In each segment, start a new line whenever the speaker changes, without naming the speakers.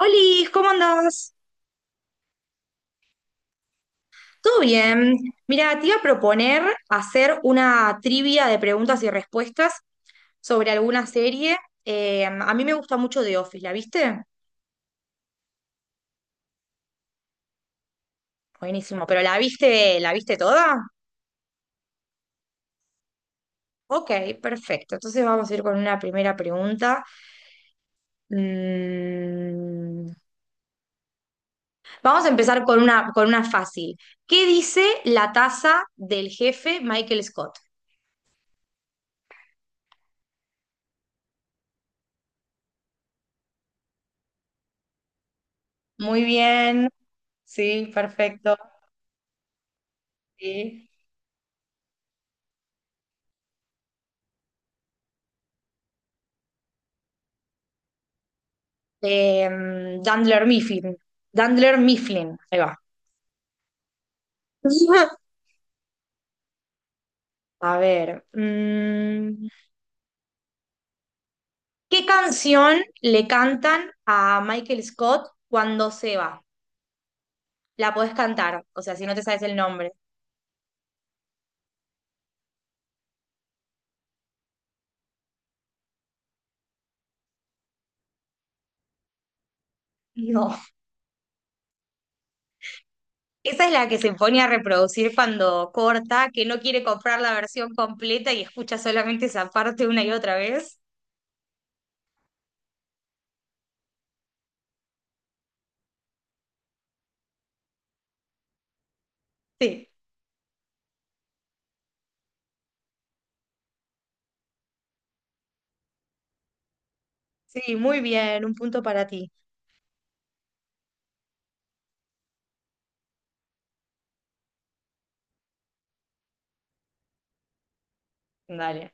Olis, ¿cómo andás? ¿Todo bien? Mira, te iba a proponer hacer una trivia de preguntas y respuestas sobre alguna serie. A mí me gusta mucho The Office, ¿la viste? Buenísimo, pero la viste toda? Ok, perfecto. Entonces vamos a ir con una primera pregunta. Mm, Vamos a empezar con con una fácil. ¿Qué dice la taza del jefe Michael Scott? Muy bien. Sí, perfecto. Sí. Eh, Dandler Mifflin. Dandler Mifflin. Ahí va. A ver. ¿Qué canción le cantan a Michael Scott cuando se va? La podés cantar, o sea, si no te sabes el nombre. No. Esa es la que se pone a reproducir cuando corta, que no quiere comprar la versión completa y escucha solamente esa parte una y otra vez. Sí, sí, muy bien, un punto para ti. Dale.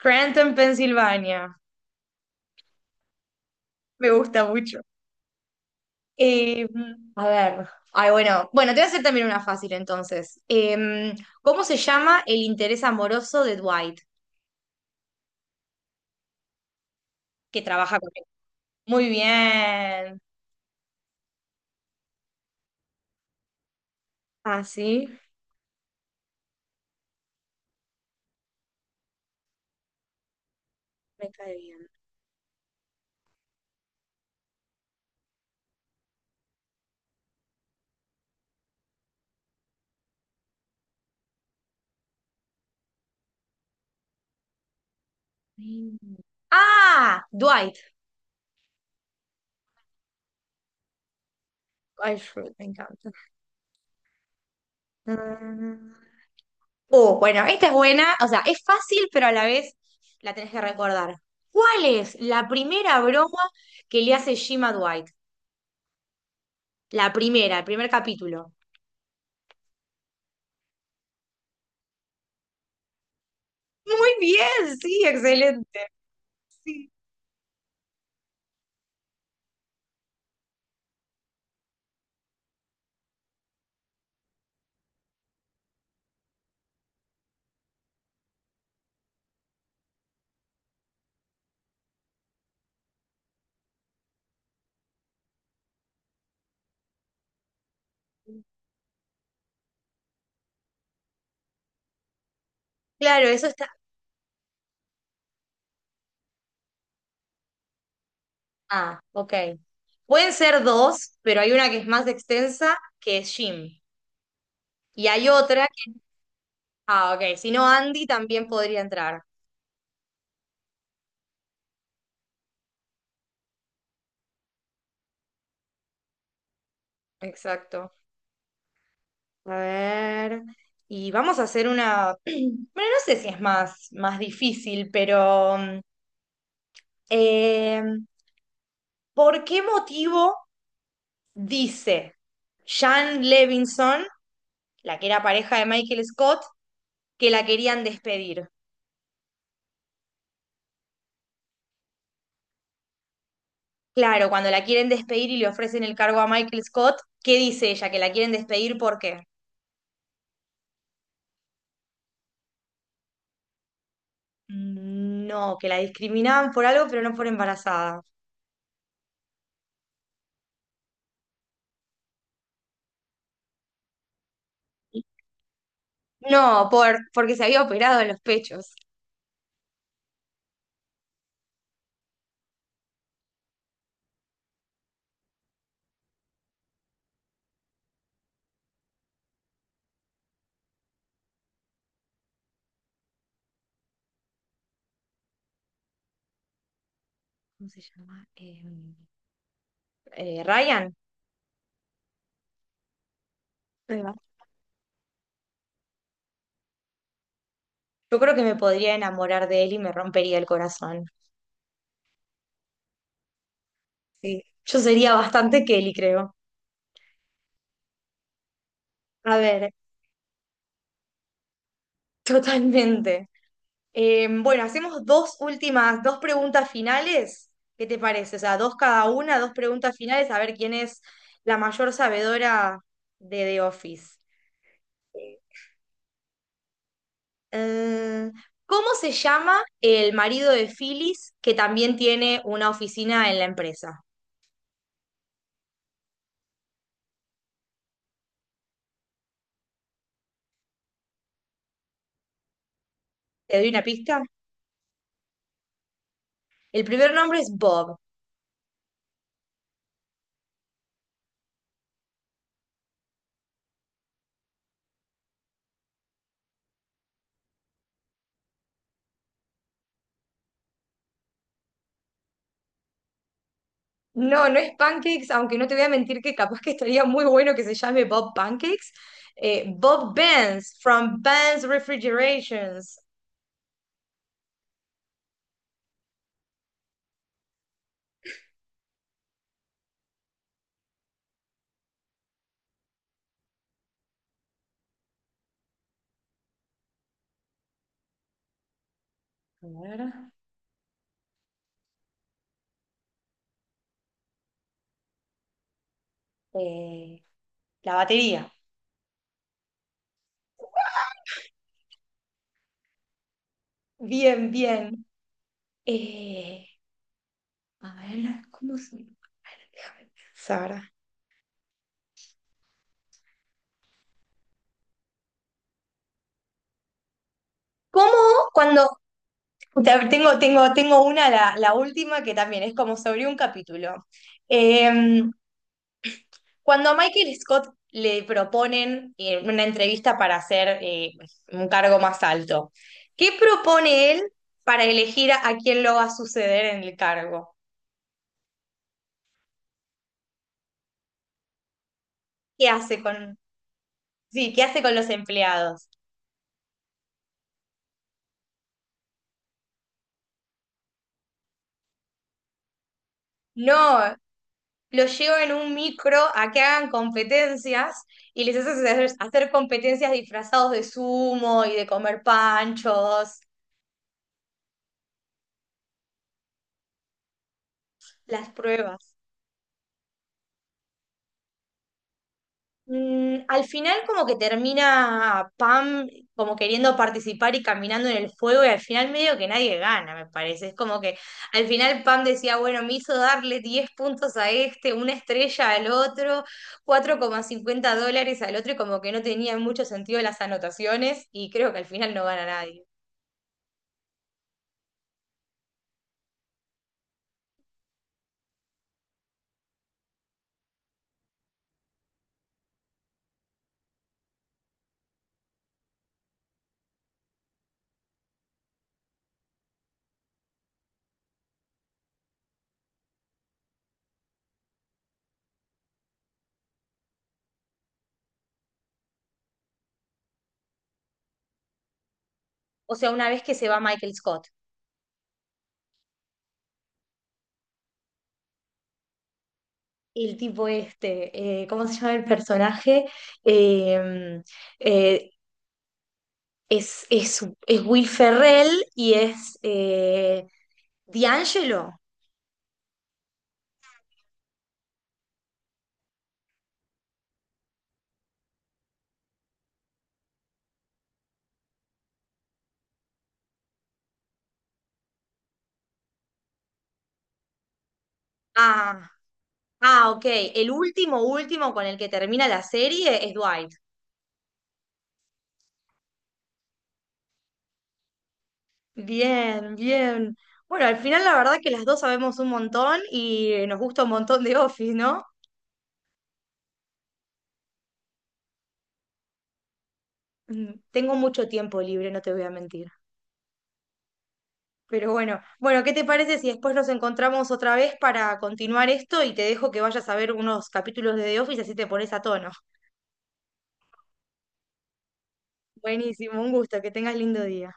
Scranton, Pensilvania. Me gusta mucho. Eh, bueno, bueno, te voy a hacer también una fácil entonces. ¿Cómo se llama el interés amoroso de Dwight que trabaja con él? Muy bien. Ah, sí, me cae bien. Mm. Ah, Dwight. Ay, Shrek, me encanta. Mm. Oh, bueno, esta es buena, o sea, es fácil, pero a la vez la tenés que recordar. ¿Cuál es la primera broma que le hace Jim a Dwight? La primera, el primer capítulo. Muy bien, sí, excelente. Sí, claro, eso está. Ah, ok. Pueden ser dos, pero hay una que es más extensa, que es Jim. Y hay otra que... Ah, ok. Si no, Andy también podría entrar. Exacto. A ver. Y vamos a hacer una... Bueno, no sé si es más difícil, pero... Eh, ¿por qué motivo dice Jan Levinson, la que era pareja de Michael Scott, que la querían despedir? Claro, cuando la quieren despedir y le ofrecen el cargo a Michael Scott, ¿qué dice ella? ¿Que la quieren despedir por qué? No, que la discriminaban por algo, pero no por embarazada. No, porque se había operado en los pechos. ¿Cómo se llama? Ryan. Ahí va. Yo creo que me podría enamorar de él y me rompería el corazón. Sí. Yo sería bastante Kelly, creo. A ver, totalmente. Bueno, hacemos dos últimas, dos preguntas finales. ¿Qué te parece? O sea, dos cada una, dos preguntas finales, a ver quién es la mayor sabedora de The Office. Eh, ¿Cómo se llama el marido de Phyllis que también tiene una oficina en la empresa? ¿Te doy una pista? El primer nombre es Bob. No, no es pancakes, aunque no te voy a mentir que capaz que estaría muy bueno que se llame Bob Pancakes. Bob Benz, from Benz Refrigerations. A ver, eh, la batería. Bien, bien. Eh, ¿Cómo se... a ver, déjame pensar. ¿Cómo cuando... Tengo una, la última, que también es como sobre un capítulo. Em, cuando a Michael Scott le proponen una entrevista para hacer un cargo más alto, ¿qué propone él para elegir a quién lo va a suceder en el cargo? ¿Qué hace con, sí, qué hace con los empleados? No, los llevo en un micro a que hagan competencias y les haces hacer competencias disfrazados de sumo y de comer panchos, las pruebas. Mm, al final como que termina Pam como queriendo participar y caminando en el fuego y al final medio que nadie gana, me parece. Es como que al final Pam decía, bueno, me hizo darle 10 puntos a este, una estrella al otro, $4,50 al otro y como que no tenía mucho sentido las anotaciones y creo que al final no gana nadie. O sea, una vez que se va Michael Scott. El tipo este, ¿cómo se llama el personaje? Eh, eh, es Will Ferrell y es D'Angelo. Ah, ah, ok. El último con el que termina la serie es Dwight. Bien, bien. Bueno, al final la verdad que las dos sabemos un montón y nos gusta un montón de Office, ¿no? Mm, tengo mucho tiempo libre, no te voy a mentir. Pero bueno, ¿qué te parece si después nos encontramos otra vez para continuar esto y te dejo que vayas a ver unos capítulos de The Office así te pones a tono? Buenísimo, un gusto, que tengas lindo día.